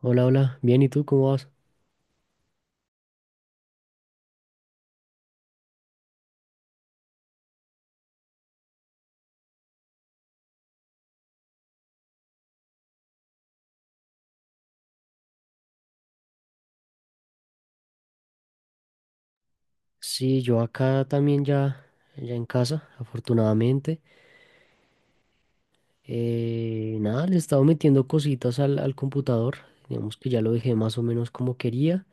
Hola, hola, bien, ¿y tú cómo vas? Sí, yo acá también ya, ya en casa, afortunadamente. Nada, le he estado metiendo cositas al computador, digamos que ya lo dejé más o menos como quería,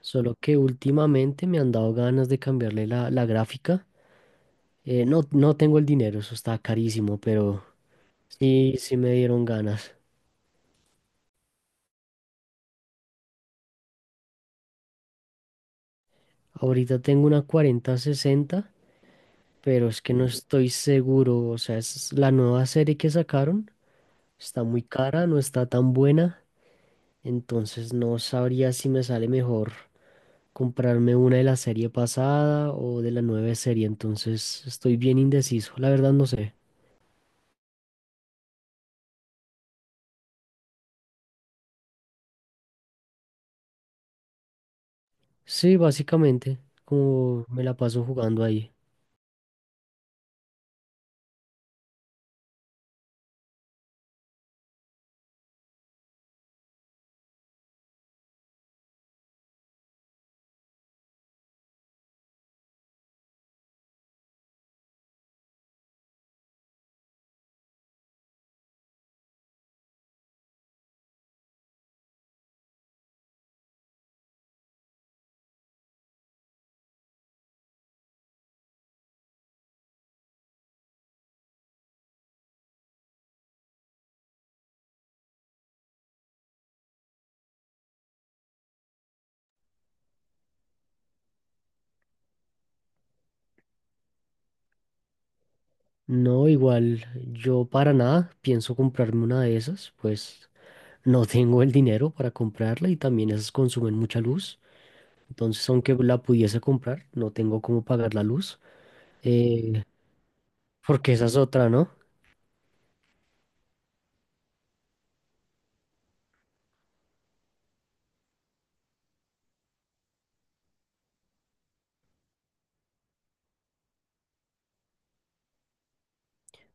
solo que últimamente me han dado ganas de cambiarle la gráfica. No tengo el dinero, eso está carísimo, pero sí, sí me dieron ganas. Ahorita tengo una 4060, pero es que no estoy seguro, o sea, es la nueva serie que sacaron. Está muy cara, no está tan buena, entonces no sabría si me sale mejor comprarme una de la serie pasada o de la nueva serie, entonces estoy bien indeciso, la verdad no sé. Sí, básicamente, como me la paso jugando ahí. No, igual yo para nada pienso comprarme una de esas, pues no tengo el dinero para comprarla y también esas consumen mucha luz, entonces aunque la pudiese comprar, no tengo cómo pagar la luz, eh, porque esa es otra, ¿no?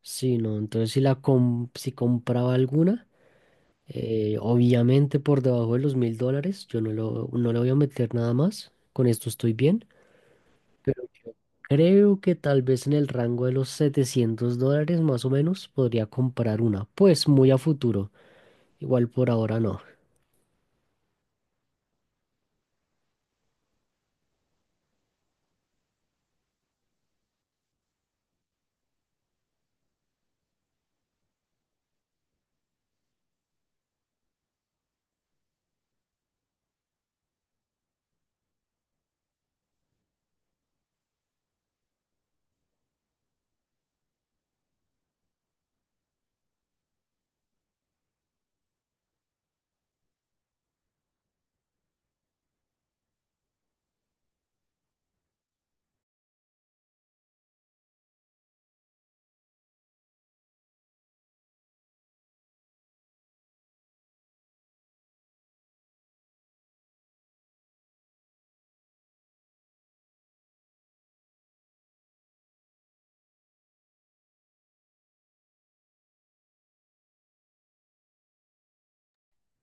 Sí, no, entonces si compraba alguna, obviamente por debajo de los $1000, yo no le voy a meter nada más, con esto estoy bien, pero yo creo que tal vez en el rango de los $700 más o menos podría comprar una, pues muy a futuro, igual por ahora no.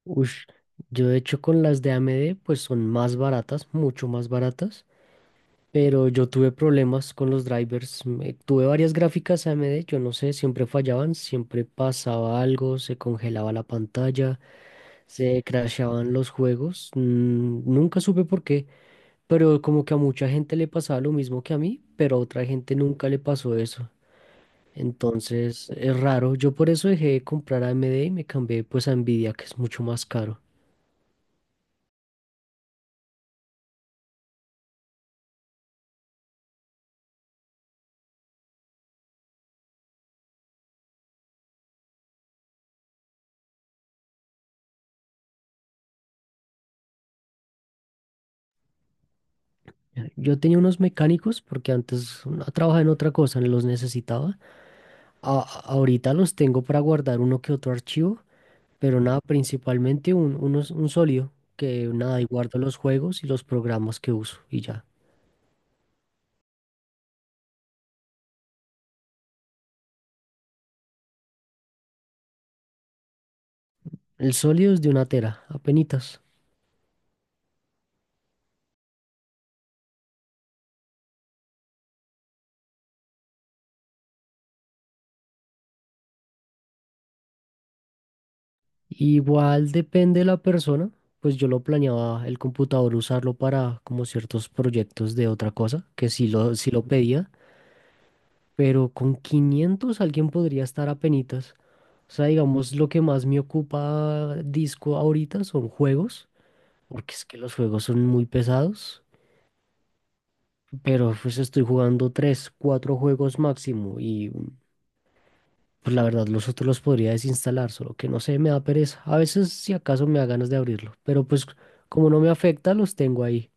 Ush, yo de hecho con las de AMD pues son más baratas, mucho más baratas. Pero yo tuve problemas con los drivers. Tuve varias gráficas AMD, yo no sé, siempre fallaban, siempre pasaba algo, se congelaba la pantalla, se crashaban los juegos. Nunca supe por qué, pero como que a mucha gente le pasaba lo mismo que a mí, pero a otra gente nunca le pasó eso. Entonces es raro. Yo por eso dejé de comprar AMD y me cambié pues a Nvidia, que es mucho más caro. Yo tenía unos mecánicos porque antes trabajaba en otra cosa, los necesitaba. Ahorita los tengo para guardar uno que otro archivo, pero nada, principalmente un sólido, que nada, y guardo los juegos y los programas que uso y ya. El sólido es de una tera, apenitas. Igual depende de la persona, pues yo lo planeaba el computador usarlo para como ciertos proyectos de otra cosa, sí lo pedía, pero con 500 alguien podría estar apenitas. O sea, digamos, lo que más me ocupa disco ahorita son juegos porque es que los juegos son muy pesados, pero pues estoy jugando tres, cuatro juegos máximo y pues la verdad los otros los podría desinstalar, solo que no sé, me da pereza. A veces si acaso me da ganas de abrirlo, pero pues como no me afecta, los tengo ahí.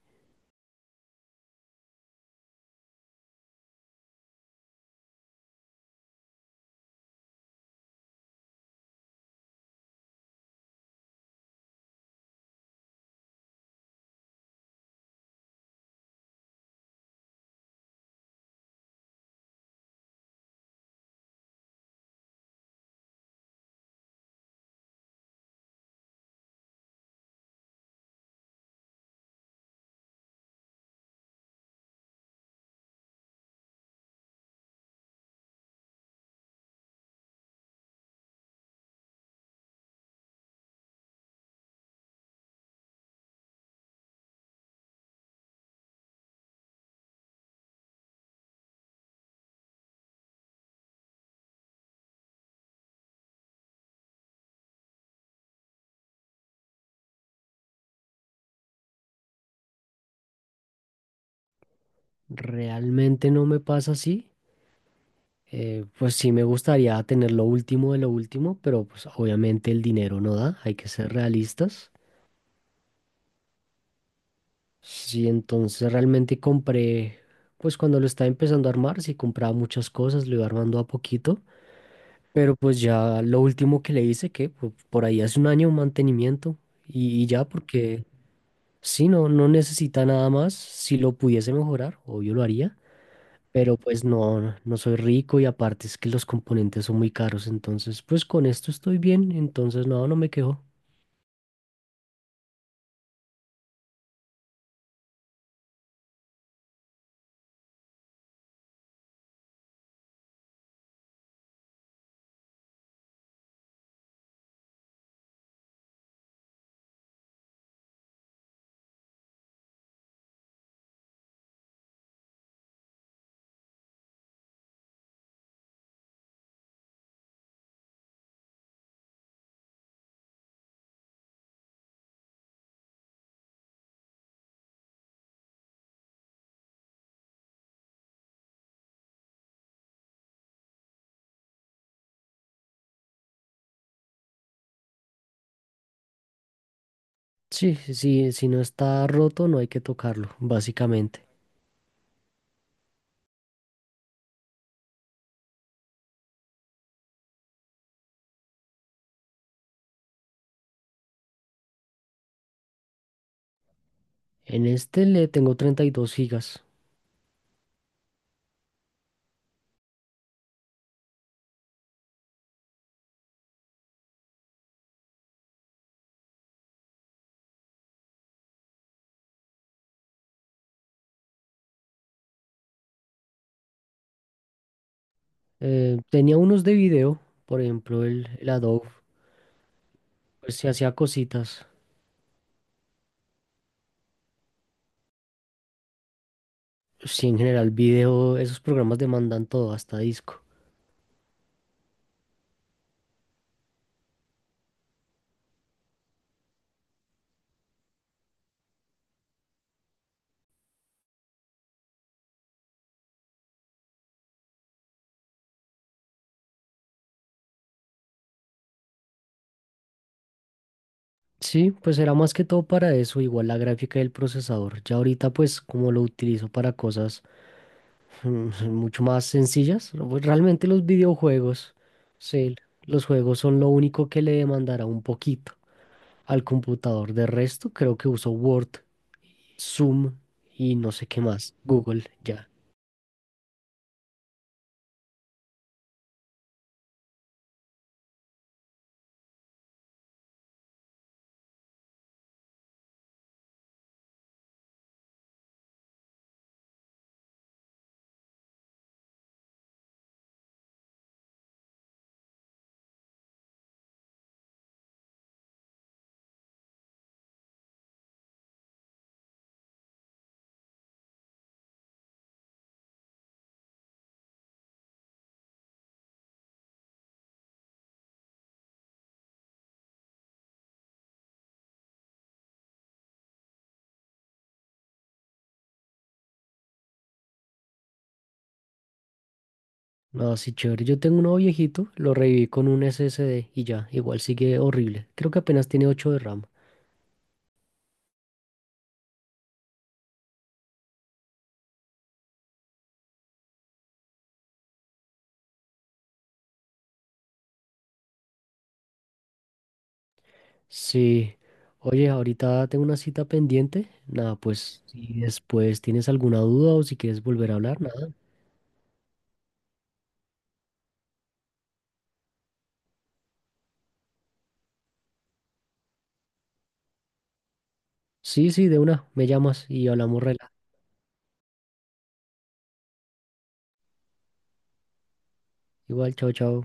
Realmente no me pasa así. Pues sí me gustaría tener lo último de lo último, pero pues obviamente el dinero no da, hay que ser realistas. Sí, entonces realmente compré, pues cuando lo estaba empezando a armar, sí compraba muchas cosas, lo iba armando a poquito, pero pues ya lo último que le hice, por ahí hace un año mantenimiento y ya porque sí, no, no necesita nada más, si lo pudiese mejorar, obvio lo haría, pero pues no, no soy rico y aparte es que los componentes son muy caros, entonces pues con esto estoy bien, entonces no, no me quejo. Sí, sí, sí, si no está roto no hay que tocarlo, básicamente. En este le tengo 32 gigas. Tenía unos de video, por ejemplo, el Adobe, pues se hacía cositas. Sí, en general, video, esos programas demandan todo, hasta disco. Sí, pues era más que todo para eso, igual la gráfica y el procesador. Ya ahorita, pues, como lo utilizo para cosas mucho más sencillas, pues, realmente los videojuegos, sí, los juegos son lo único que le demandará un poquito al computador. De resto, creo que uso Word, Zoom y no sé qué más. Google, ya. No, sí, chévere. Yo tengo uno viejito, lo reviví con un SSD y ya, igual sigue horrible. Creo que apenas tiene 8 de RAM. Sí. Oye, ahorita tengo una cita pendiente. Nada, pues si después tienes alguna duda o si quieres volver a hablar, nada. Sí, sí, de una, me llamas y hablamos rela. Igual, chao, chao.